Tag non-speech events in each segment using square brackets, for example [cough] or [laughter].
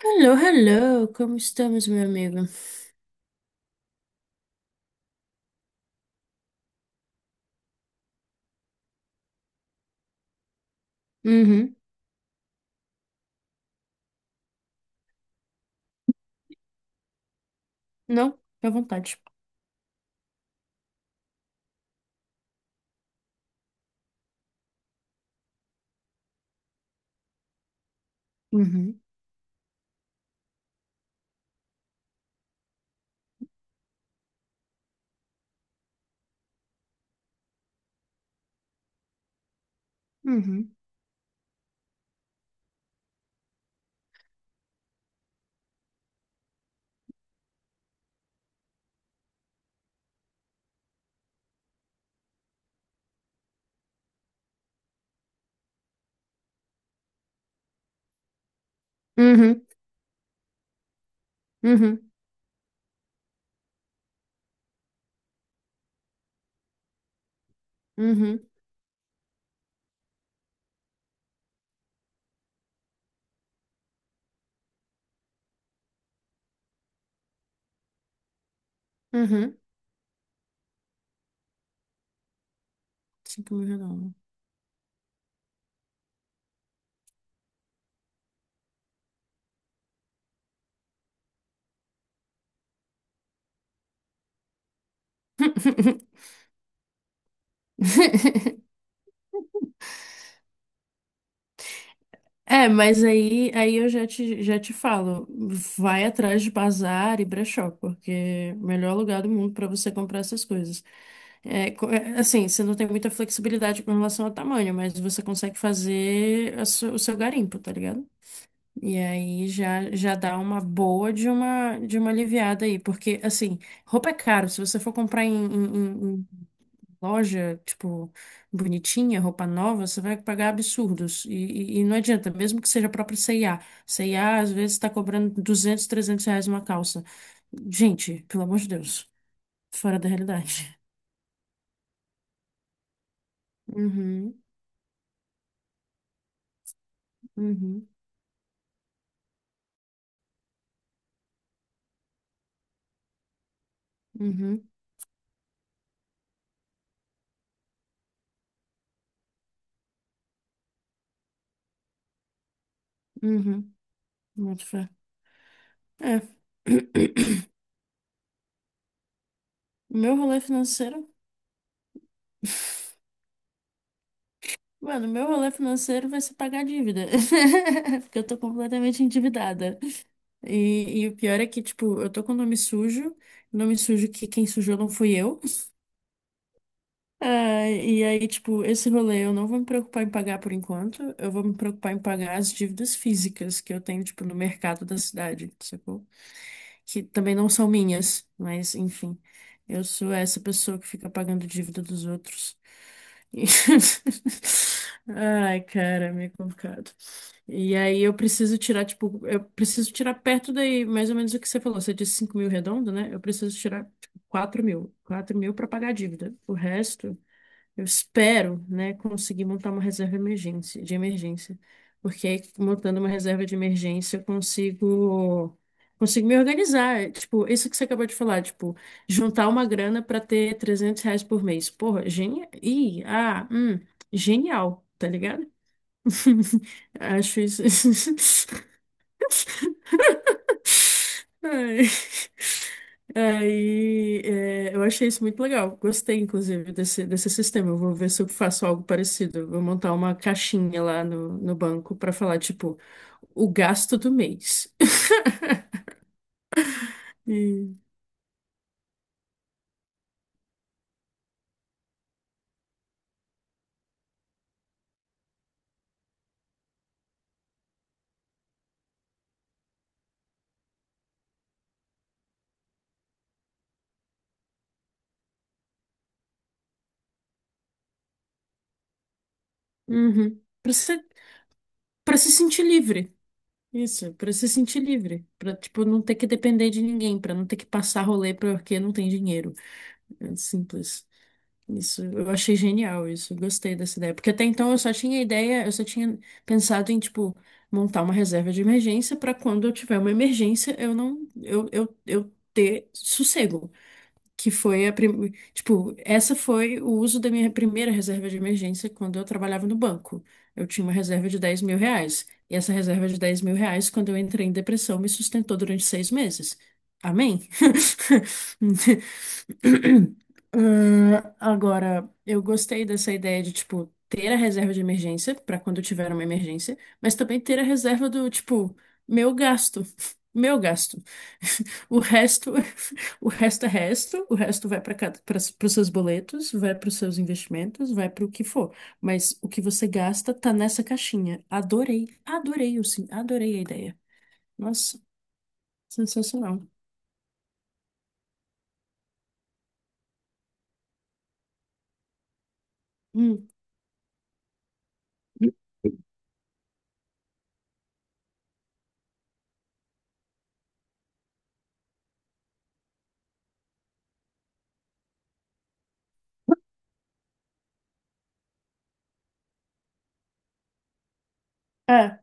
Hello, hello, como estamos, meu amigo? Uhum, não, fica à vontade. Uhum, uhum, uhum, uhum, uhum, uhum. R$ 5.000. [laughs] É, mas aí eu já te falo, vai atrás de bazar e brechó, porque é o melhor lugar do mundo para você comprar essas coisas. É, é, assim, você não tem muita flexibilidade com relação ao tamanho, mas você consegue fazer o seu garimpo, tá ligado? E aí já dá uma boa de uma aliviada aí, porque assim, roupa é caro. Se você for comprar em- em loja, tipo, bonitinha, roupa nova, você vai pagar absurdos. E, e não adianta, mesmo que seja a própria C&A. C&A às vezes está cobrando 200 300 reais uma calça. Gente, pelo amor de Deus, fora da realidade. Uhum, uhum, uhum, uhum. Muito fé. É. [clears throat] Meu rolê financeiro. Mano, meu rolê financeiro vai ser pagar dívida. [laughs] Porque eu tô completamente endividada. E o pior é que, tipo, eu tô com o nome sujo. Nome sujo que quem sujou não fui eu. [laughs] Ah, e aí, tipo, esse rolê eu não vou me preocupar em pagar por enquanto. Eu vou me preocupar em pagar as dívidas físicas que eu tenho, tipo, no mercado da cidade, sacou? Que também não são minhas, mas enfim. Eu sou essa pessoa que fica pagando dívida dos outros. [laughs] Ai, cara, é meio complicado. E aí eu preciso tirar, tipo, eu preciso tirar perto daí, mais ou menos o que você falou. Você disse 5 mil redondo, né? Eu preciso tirar, tipo, 4 mil. 4 mil pra pagar a dívida. O resto. Eu espero, né, conseguir montar uma reserva de emergência, porque aí, montando uma reserva de emergência eu consigo me organizar. É, tipo, isso que você acabou de falar, tipo, juntar uma grana para ter R$ 300 por mês. Porra, genial. Ih, ah, genial, tá ligado? [laughs] Acho isso. [laughs] Ai. Aí, é, eu achei isso muito legal. Gostei, inclusive, desse sistema. Eu vou ver se eu faço algo parecido. Eu vou montar uma caixinha lá no banco para falar, tipo, o gasto do mês. [laughs] E, uhum. Para se sentir livre. Isso, para se sentir livre. Para, tipo, não ter que depender de ninguém, para não ter que passar rolê porque não tem dinheiro. É simples. Isso, eu achei genial isso, eu gostei dessa ideia. Porque até então eu só tinha ideia, eu só tinha pensado em, tipo, montar uma reserva de emergência para quando eu tiver uma emergência, eu não, eu ter sossego. Que foi tipo, essa foi o uso da minha primeira reserva de emergência quando eu trabalhava no banco. Eu tinha uma reserva de R$ 10.000. E essa reserva de R$ 10.000, quando eu entrei em depressão, me sustentou durante 6 meses. Amém? [laughs] Ah, agora, eu gostei dessa ideia de, tipo, ter a reserva de emergência para quando tiver uma emergência, mas também ter a reserva do, tipo, meu gasto. [laughs] Meu gasto. [laughs] O resto, [laughs] o resto é resto, o resto vai para cada, para os seus boletos, vai para os seus investimentos, vai para o que for. Mas o que você gasta tá nessa caixinha. Adorei, adorei, eu sim, adorei a ideia. Nossa, sensacional. Hum. É,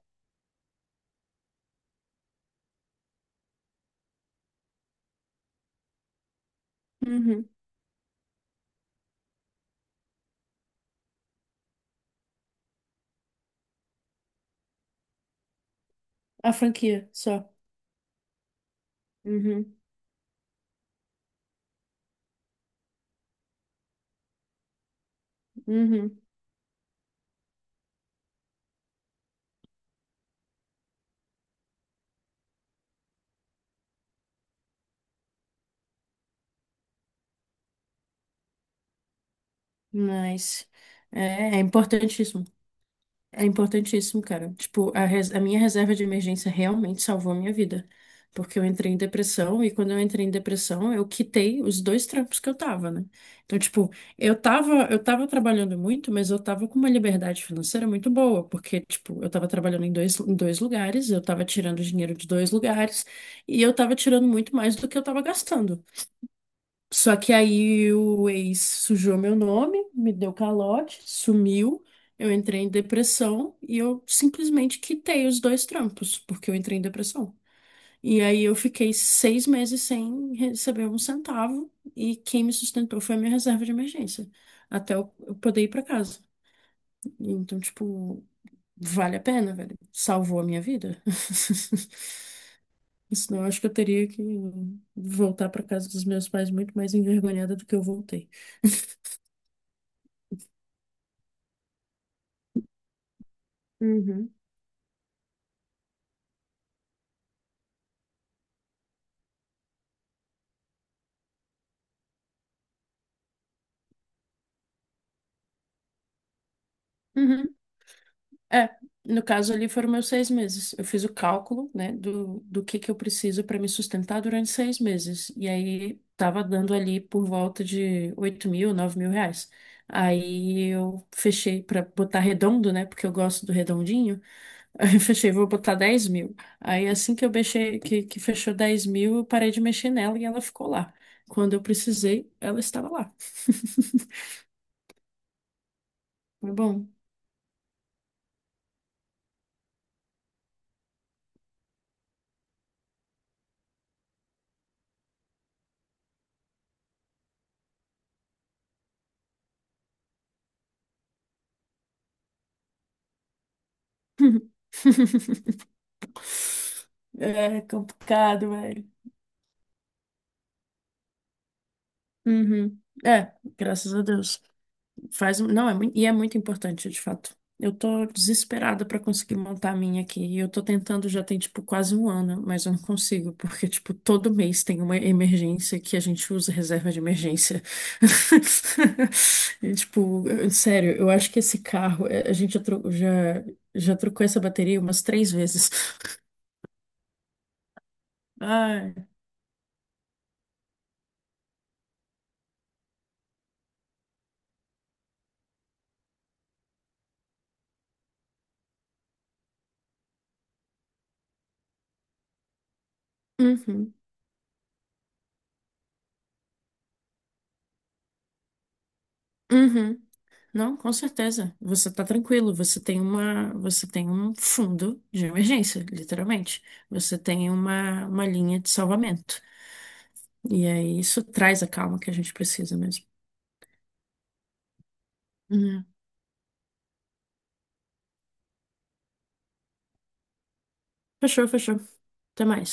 uhum. A franquia, só. Uhum, uhum. Mas é, é importantíssimo. É importantíssimo, cara. Tipo, a minha reserva de emergência realmente salvou a minha vida. Porque eu entrei em depressão e quando eu entrei em depressão, eu quitei os dois trampos que eu tava, né? Então, tipo, eu tava trabalhando muito, mas eu tava com uma liberdade financeira muito boa, porque, tipo, eu tava trabalhando em dois lugares, eu tava tirando dinheiro de dois lugares e eu tava tirando muito mais do que eu tava gastando. Só que aí o ex sujou meu nome, me deu calote, sumiu. Eu entrei em depressão e eu simplesmente quitei os dois trampos, porque eu entrei em depressão. E aí eu fiquei 6 meses sem receber um centavo e quem me sustentou foi a minha reserva de emergência, até eu poder ir para casa. Então, tipo, vale a pena, velho. Salvou a minha vida. [laughs] Senão eu acho que eu teria que voltar para casa dos meus pais muito mais envergonhada do que eu voltei. Uhum. Uhum. É, no caso ali foram meus 6 meses. Eu fiz o cálculo, né, do, do que eu preciso para me sustentar durante 6 meses. E aí tava dando ali por volta de 8 mil, R$ 9.000. Aí eu fechei para botar redondo, né, porque eu gosto do redondinho. [laughs] Aí eu fechei, vou botar 10 mil. Aí assim que eu mexei, que fechou 10 mil, eu parei de mexer nela e ela ficou lá. Quando eu precisei, ela estava lá. Foi bom. [laughs] É complicado, velho. Uhum. É, graças a Deus. Não, é muito, e é muito importante, de fato. Eu tô desesperada pra conseguir montar a minha aqui. E eu tô tentando já tem, tipo, quase um ano, mas eu não consigo, porque, tipo, todo mês tem uma emergência que a gente usa reserva de emergência. [laughs] E, tipo, sério, eu acho que esse carro, é, a gente já trocou essa bateria umas 3 vezes. [laughs] Ai. Uhum. Uhum. Não, com certeza. Você está tranquilo. Você tem uma, você tem um fundo de emergência, literalmente. Você tem uma linha de salvamento. E aí isso traz a calma que a gente precisa mesmo. Uhum. Fechou, fechou. Até mais.